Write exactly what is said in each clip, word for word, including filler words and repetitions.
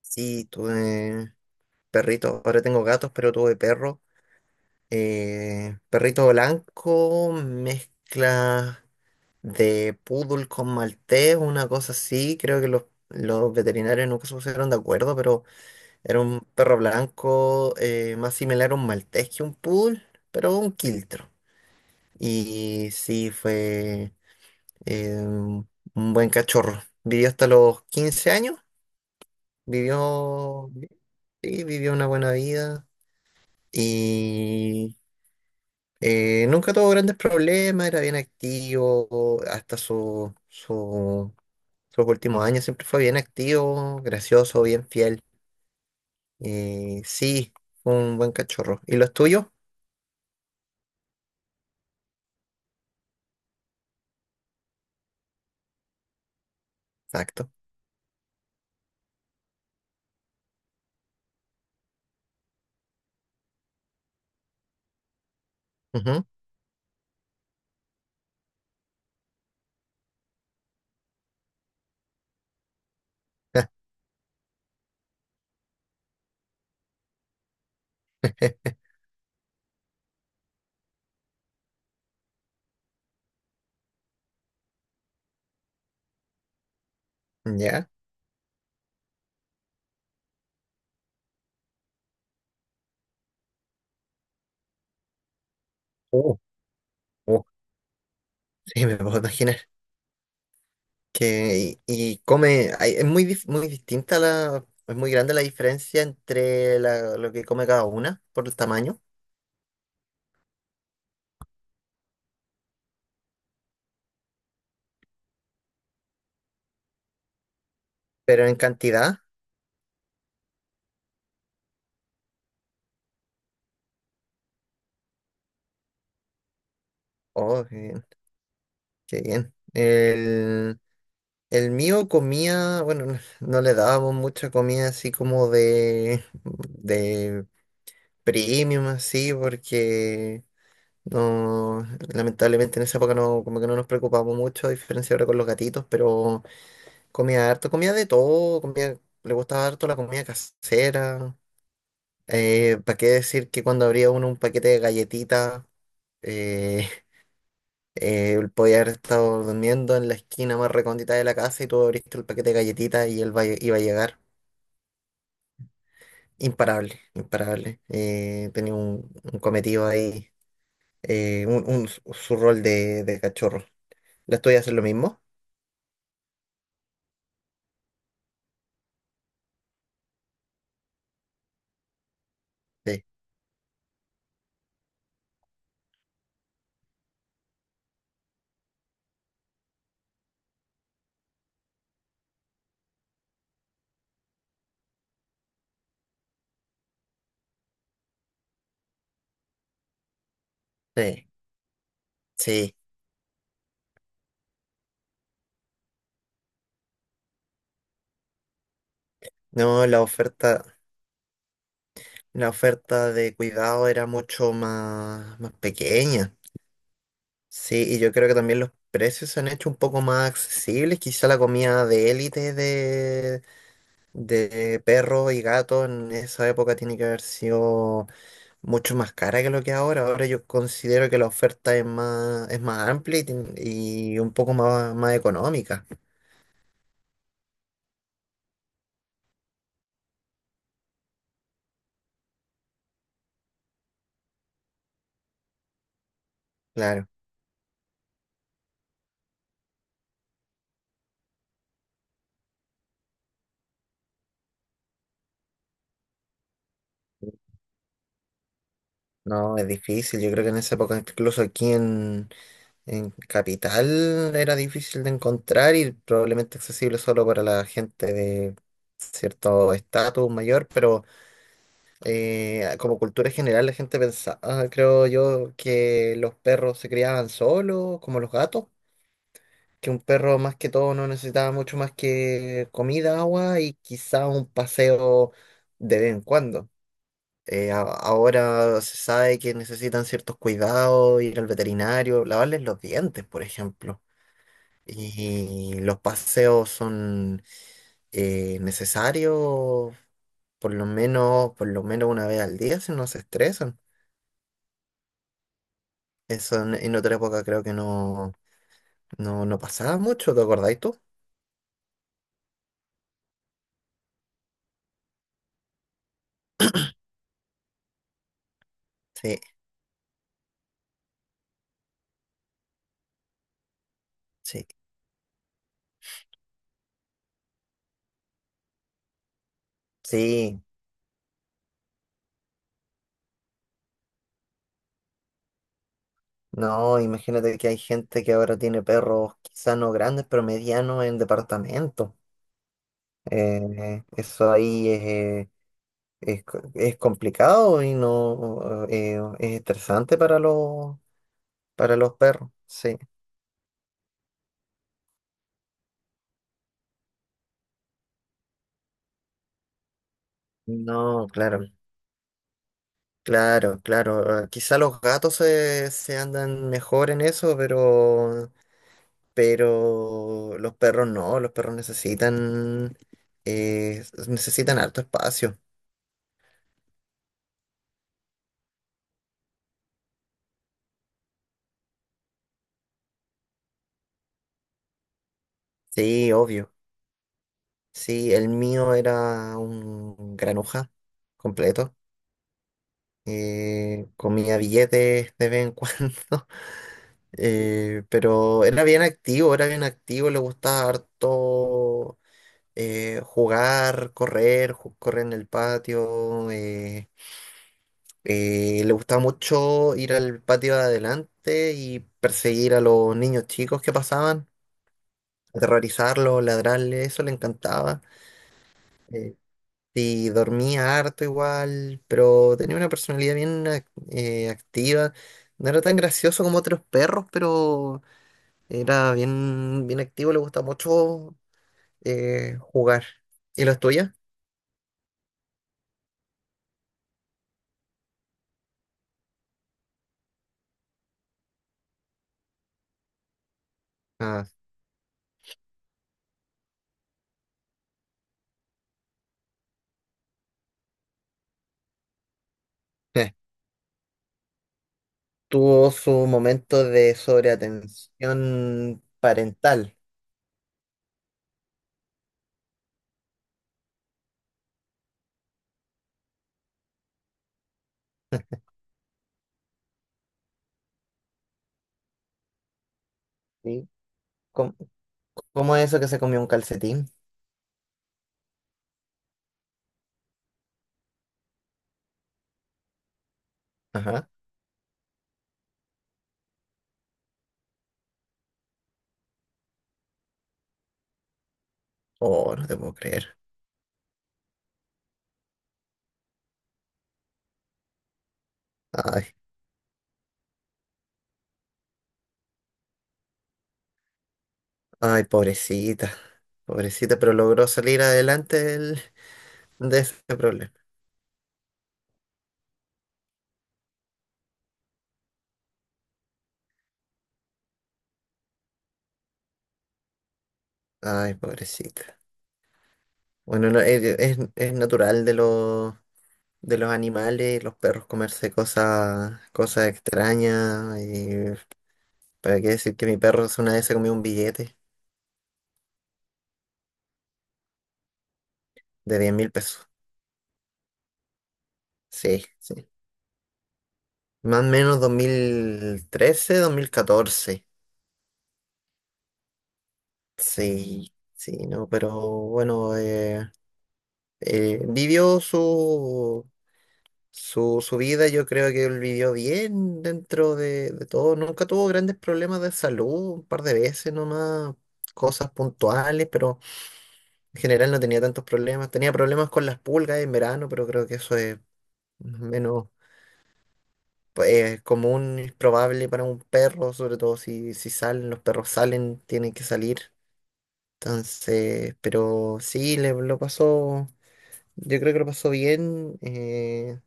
Sí, tuve perritos, ahora tengo gatos, pero tuve perro. Eh, perrito blanco, mezcla de poodle con maltés, una cosa así. Creo que los, los veterinarios nunca se pusieron de acuerdo, pero era un perro blanco eh, más similar a un maltés que un poodle, pero un quiltro. Y sí, fue eh, un buen cachorro. Vivió hasta los quince años, vivió, sí, vivió una buena vida. Y eh, nunca tuvo grandes problemas, era bien activo, hasta su, su- sus últimos años siempre fue bien activo, gracioso, bien fiel. Eh, sí, fue un buen cachorro. ¿Y los tuyos? Exacto. Ujú. ¿Ya? Uh, uh, sí, me puedo imaginar. Que, y, y come, hay- es muy, dif- Muy distinta la, es muy grande la diferencia entre la- lo que come cada una por el tamaño, pero en cantidad, oh, eh, qué bien. El, el mío comía, bueno, no, no le dábamos mucha comida así como de, de premium, así, porque no, lamentablemente en esa época no, como que no nos preocupamos mucho, a diferencia ahora con los gatitos, pero comía harto, comía de todo, comía, le gustaba harto la comida casera. Eh, ¿para qué decir que cuando abría uno un paquete de galletitas? eh, Eh, él podía haber estado durmiendo en la esquina más recóndita de la casa y tú abriste el paquete de galletitas y él va- iba a llegar. Imparable, imparable. Eh, tenía un, un cometido ahí, eh, un, un- su rol de, de cachorro. ¿Las tuyas hacen lo mismo? Sí, sí, sí. No, la oferta, la oferta de cuidado era mucho más, más pequeña. Sí, y yo creo que también los precios se han hecho un poco más accesibles. Quizá la comida de élite de perro y gato en esa época tiene que haber sido mucho más cara que lo que es ahora. Ahora yo considero que la oferta es más, es más amplia y, tien- y un poco más, más económica. Claro, no, es difícil. Yo creo que en esa época, incluso aquí en, en Capital, era difícil de encontrar y probablemente accesible solo para la gente de cierto estatus mayor, pero... Eh, como cultura general, la gente pensaba, creo yo, que los perros se criaban solos, como los gatos, que un perro más que todo no necesitaba mucho más que comida, agua y quizá un paseo de vez en cuando. Eh, a- Ahora se sabe que necesitan ciertos cuidados, ir al veterinario, lavarles los dientes, por ejemplo. Y los paseos son eh, necesarios, por lo menos, por lo menos una vez al día si no se estresan. Eso en, en otra época creo que no, no, no pasaba mucho, ¿te acordáis tú? Sí, sí, sí. No, imagínate que hay gente que ahora tiene perros, quizá no grandes, pero medianos en departamento. Eh, eso ahí es, eh, es, co- es complicado y no eh, es estresante para los, para los perros. Sí. No, claro, claro, claro. eh, Quizá los gatos se, se andan mejor en eso, pero pero los perros no, los perros necesitan, eh, necesitan harto espacio. Sí, obvio. Sí, el mío era un granuja completo. Eh, comía billetes de vez en cuando, eh, pero era bien activo, era bien activo, le gustaba harto eh, jugar, correr, ju- correr en el patio. Eh, Eh, le gustaba mucho ir al patio de adelante y perseguir a los niños chicos que pasaban, aterrorizarlos, ladrarles, eso le encantaba. Eh, y dormía harto igual, pero tenía una personalidad bien ac- eh, activa. No era tan gracioso como otros perros, pero era bien, bien activo, le gustaba mucho eh, jugar. ¿Y los tuyos? Ah, eh, tuvo su momento de sobreatención parental. ¿Sí? ¿Cómo es eso que se comió un calcetín? Ajá. Oh, no te puedo creer. Ay, ay, pobrecita, pobrecita, pero logró salir adelante del- de ese problema. Ay, pobrecita. Bueno, no, es, es- es natural de los de los animales, los perros comerse cosas cosas extrañas. Y para qué decir que mi perro una vez se comió un billete de diez mil pesos. Sí, sí. Más o menos dos dos mil trece, dos mil catorce. Sí, sí, no, pero bueno, eh, eh, vivió su, su, su vida, yo creo que él vivió bien dentro de, de todo, nunca tuvo grandes problemas de salud, un par de veces nomás, cosas puntuales, pero en general no tenía tantos problemas, tenía problemas con las pulgas en verano, pero creo que eso es menos pues, común y probable para un perro, sobre todo si, si salen, los perros salen, tienen que salir, entonces, pero sí, le lo pasó. Yo creo que lo pasó bien eh,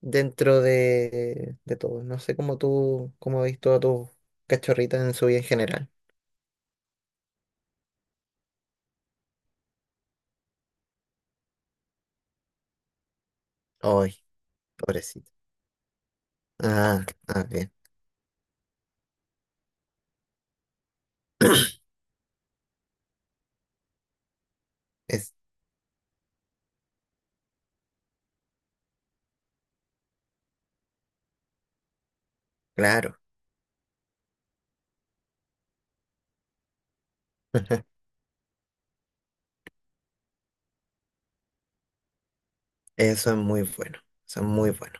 dentro de, de todo. No sé cómo tú, cómo has visto a tus cachorritas en su vida en general. Ay, pobrecito. Ah, ah, bien. Es claro. Eso es muy bueno. Eso es muy bueno.